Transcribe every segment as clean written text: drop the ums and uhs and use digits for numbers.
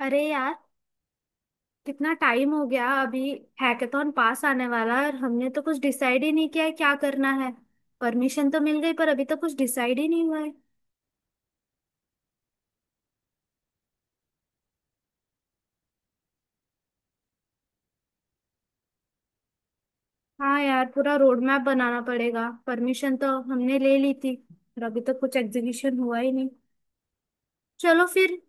अरे यार। कितना टाइम हो गया अभी। हैकेथॉन पास आने वाला है और हमने तो कुछ डिसाइड ही नहीं किया है क्या करना है। परमिशन तो मिल गई पर अभी तो कुछ डिसाइड ही नहीं हुआ है। हाँ यार, पूरा रोड मैप बनाना पड़ेगा। परमिशन तो हमने ले ली थी पर अभी तो कुछ एग्जीक्यूशन हुआ ही नहीं। चलो फिर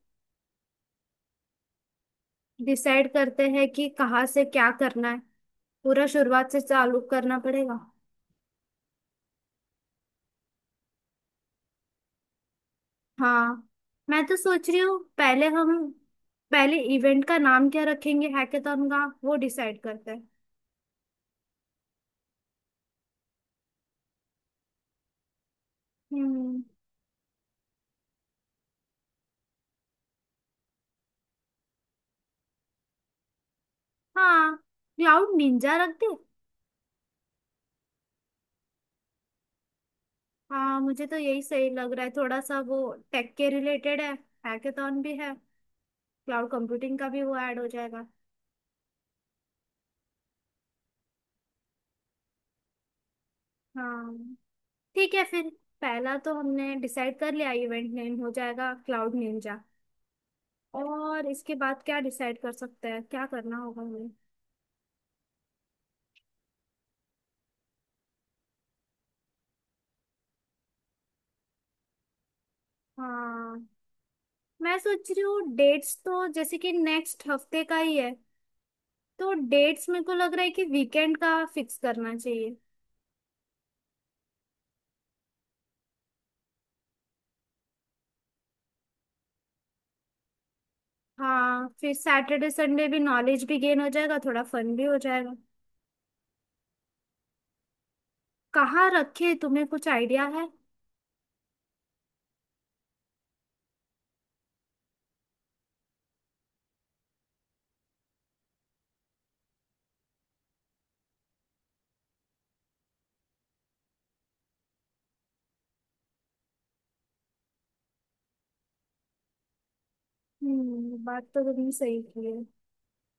डिसाइड करते हैं कि कहाँ से क्या करना है। पूरा शुरुआत से चालू करना पड़ेगा। हाँ, मैं तो सोच रही हूँ पहले हम, पहले इवेंट का नाम क्या रखेंगे हैकेथॉन का, वो डिसाइड करते हैं। हम्म। हाँ यार, निंजा रख दे। हाँ, मुझे तो यही सही लग रहा है, थोड़ा सा वो टेक के रिलेटेड है, हैकेथॉन भी है, क्लाउड कंप्यूटिंग का भी वो ऐड हो जाएगा। हाँ, ठीक है फिर। पहला तो हमने डिसाइड कर लिया, इवेंट नेम हो जाएगा क्लाउड निंजा। और इसके बाद क्या डिसाइड कर सकते हैं, क्या करना होगा हमें। हाँ, मैं सोच रही हूँ डेट्स तो जैसे कि नेक्स्ट हफ्ते का ही है, तो डेट्स मेरे को लग रहा है कि वीकेंड का फिक्स करना चाहिए। हाँ, फिर सैटरडे संडे भी, नॉलेज भी गेन हो जाएगा, थोड़ा फन भी हो जाएगा। कहाँ रखे, तुम्हें कुछ आइडिया है? बात तो तुमने सही की है।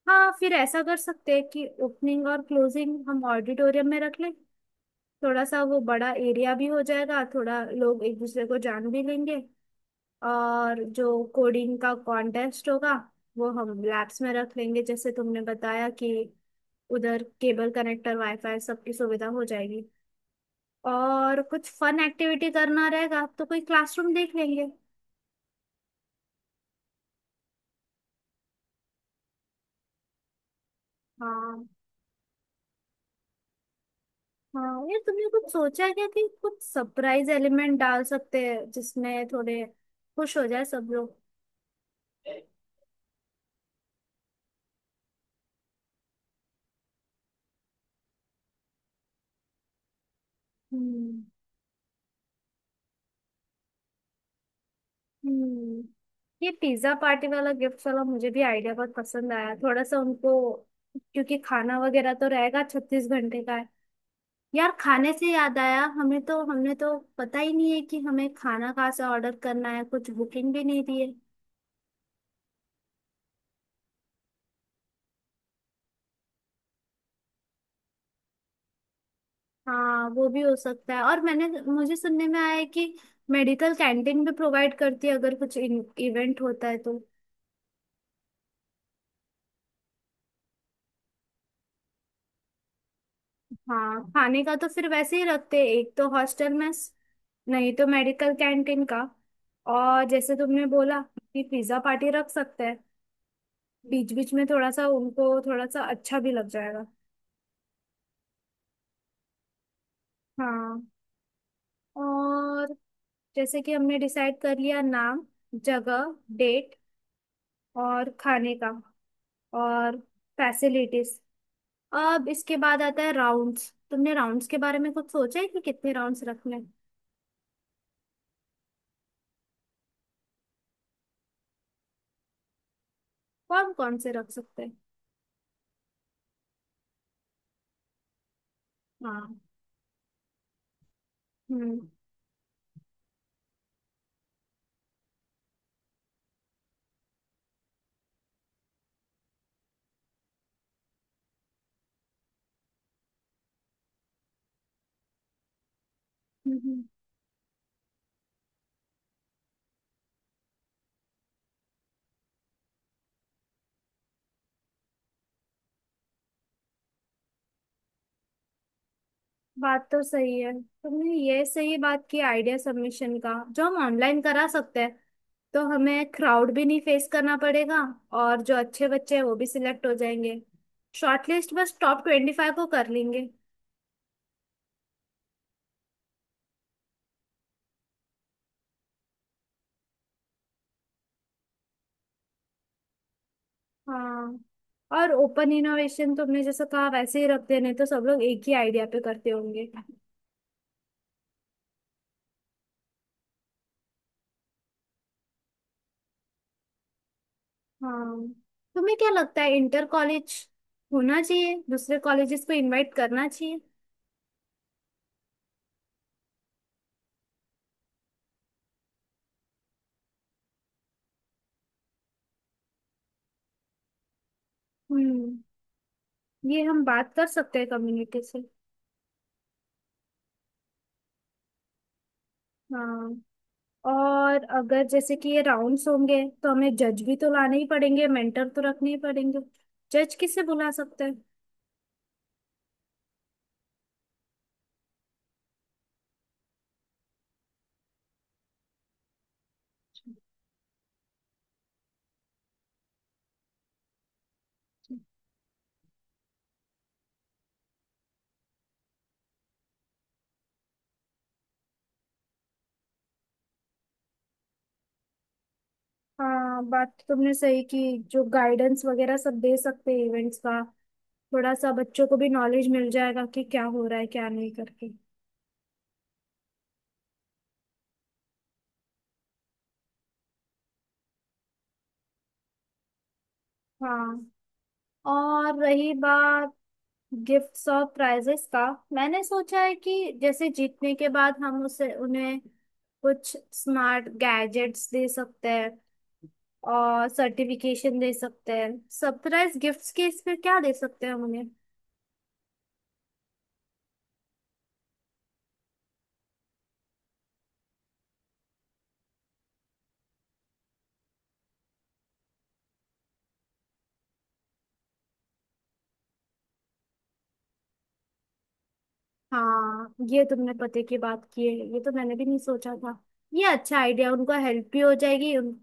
हाँ फिर ऐसा कर सकते हैं कि ओपनिंग और क्लोजिंग हम ऑडिटोरियम में रख लें। थोड़ा सा वो बड़ा एरिया भी हो जाएगा, थोड़ा लोग एक दूसरे को जान भी लेंगे। और जो कोडिंग का कॉन्टेस्ट होगा वो हम लैब्स में रख लेंगे, जैसे तुमने बताया कि उधर केबल कनेक्टर वाईफाई सबकी सुविधा हो जाएगी। और कुछ फन एक्टिविटी करना रहेगा तो कोई क्लासरूम देख लेंगे। हाँ हाँ। ये तुमने कुछ सोचा है क्या कि कुछ सरप्राइज एलिमेंट डाल सकते हैं जिसमें थोड़े खुश हो जाए सब लोग? हम्म हम्म ये पिज्जा पार्टी वाला, गिफ्ट वाला मुझे भी आइडिया बहुत पसंद आया, थोड़ा सा उनको, क्योंकि खाना वगैरह तो रहेगा, 36 घंटे का है। यार, खाने से याद आया, हमें तो, हमने तो पता ही नहीं है कि हमें खाना कहाँ से ऑर्डर करना है, कुछ बुकिंग भी नहीं दी है। हाँ वो भी हो सकता है, और मैंने, मुझे सुनने में आया है कि मेडिकल कैंटीन भी प्रोवाइड करती है अगर कुछ इवेंट होता है तो। हाँ खाने का तो फिर वैसे ही रखते हैं, एक तो हॉस्टल में, नहीं तो मेडिकल कैंटीन का। और जैसे तुमने बोला कि पिज्जा पार्टी रख सकते हैं बीच बीच में, थोड़ा सा उनको थोड़ा सा अच्छा भी लग जाएगा। हाँ। और जैसे कि हमने डिसाइड कर लिया नाम, जगह, डेट, और खाने का, और फैसिलिटीज। अब इसके बाद आता है राउंड्स। तुमने राउंड्स के बारे में कुछ सोचा है कि कितने राउंड्स रखने हैं? कौन कौन से रख सकते हैं? हाँ। हम्म हम्म, हम्म, बात तो सही है, तुमने ये सही बात की आइडिया सबमिशन का जो हम ऑनलाइन करा सकते हैं, तो हमें क्राउड भी नहीं फेस करना पड़ेगा और जो अच्छे बच्चे हैं वो भी सिलेक्ट हो जाएंगे। शॉर्टलिस्ट बस टॉप 25 को कर लेंगे। हाँ। और ओपन इनोवेशन तुमने जैसा कहा वैसे ही रख देने तो सब लोग एक ही आइडिया पे करते होंगे। हाँ। तुम्हें क्या लगता है, इंटर कॉलेज होना चाहिए, दूसरे कॉलेजेस को इनवाइट करना चाहिए? हम्म ये हम बात कर सकते हैं कम्युनिटी से। हाँ। और अगर जैसे कि ये राउंड्स होंगे तो हमें जज भी तो लाने ही पड़ेंगे, मेंटर तो रखने ही पड़ेंगे। जज किसे बुला सकते हैं? हाँ, बात तो तुमने सही की, जो गाइडेंस वगैरह सब दे सकते हैं इवेंट्स का, थोड़ा सा बच्चों को भी नॉलेज मिल जाएगा कि क्या हो रहा है क्या नहीं करके। हाँ। और रही बात गिफ्ट्स और प्राइजेस का, मैंने सोचा है कि जैसे जीतने के बाद हम उसे, उन्हें कुछ स्मार्ट गैजेट्स दे सकते हैं और सर्टिफिकेशन दे सकते हैं। सरप्राइज गिफ्ट्स के इसमें क्या दे सकते हैं हम उन्हें? हाँ, ये तुमने पते की बात की है, ये तो मैंने भी नहीं सोचा था। ये अच्छा आइडिया, उनको हेल्प भी हो जाएगी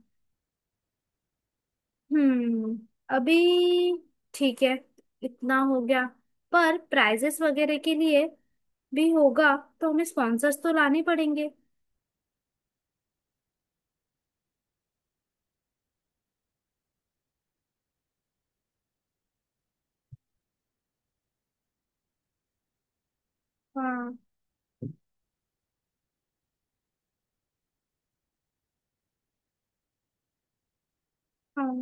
हम्म अभी ठीक है, इतना हो गया। पर प्राइजेस वगैरह के लिए भी होगा तो हमें स्पॉन्सर्स तो लाने पड़ेंगे। हाँ। हाँ,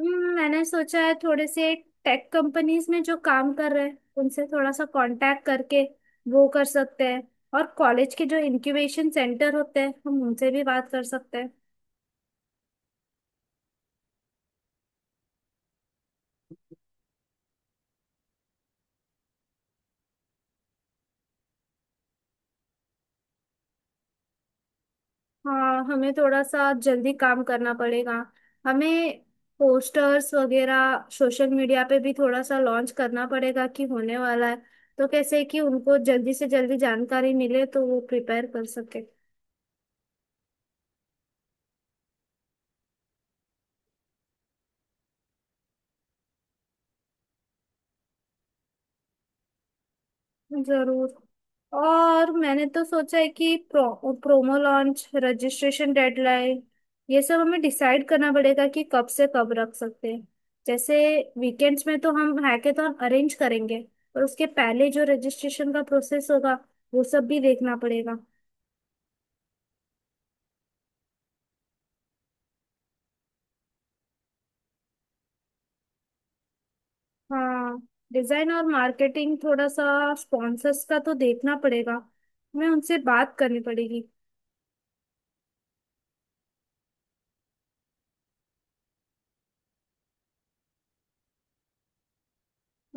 मैंने सोचा है थोड़े से टेक कंपनीज में जो काम कर रहे हैं उनसे थोड़ा सा कांटेक्ट करके वो कर सकते हैं। और कॉलेज के जो इनक्यूबेशन सेंटर होते हैं हम उनसे भी बात कर सकते हैं। हाँ, हमें थोड़ा सा जल्दी काम करना पड़ेगा। हमें पोस्टर्स वगैरह सोशल मीडिया पे भी थोड़ा सा लॉन्च करना पड़ेगा कि होने वाला है, तो कैसे कि उनको जल्दी से जल्दी जानकारी मिले तो वो प्रिपेयर कर सके। जरूर। और मैंने तो सोचा है कि प्रोमो लॉन्च, रजिस्ट्रेशन, डेडलाइन, ये सब हमें डिसाइड करना पड़ेगा कि कब से कब रख सकते हैं। जैसे वीकेंड्स में तो हम हैकेथॉन अरेंज करेंगे, पर उसके पहले जो रजिस्ट्रेशन का प्रोसेस होगा वो सब भी देखना पड़ेगा। हाँ, डिजाइन और मार्केटिंग, थोड़ा सा स्पॉन्सर्स का तो देखना पड़ेगा, हमें उनसे बात करनी पड़ेगी।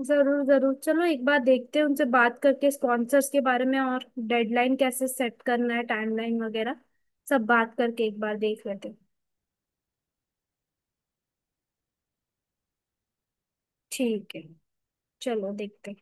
जरूर जरूर। चलो एक बार देखते हैं, उनसे बात करके स्पॉन्सर्स के बारे में, और डेडलाइन कैसे सेट करना है, टाइमलाइन वगैरह सब बात करके एक बार देख लेते हैं। ठीक है। चलो देखते हैं।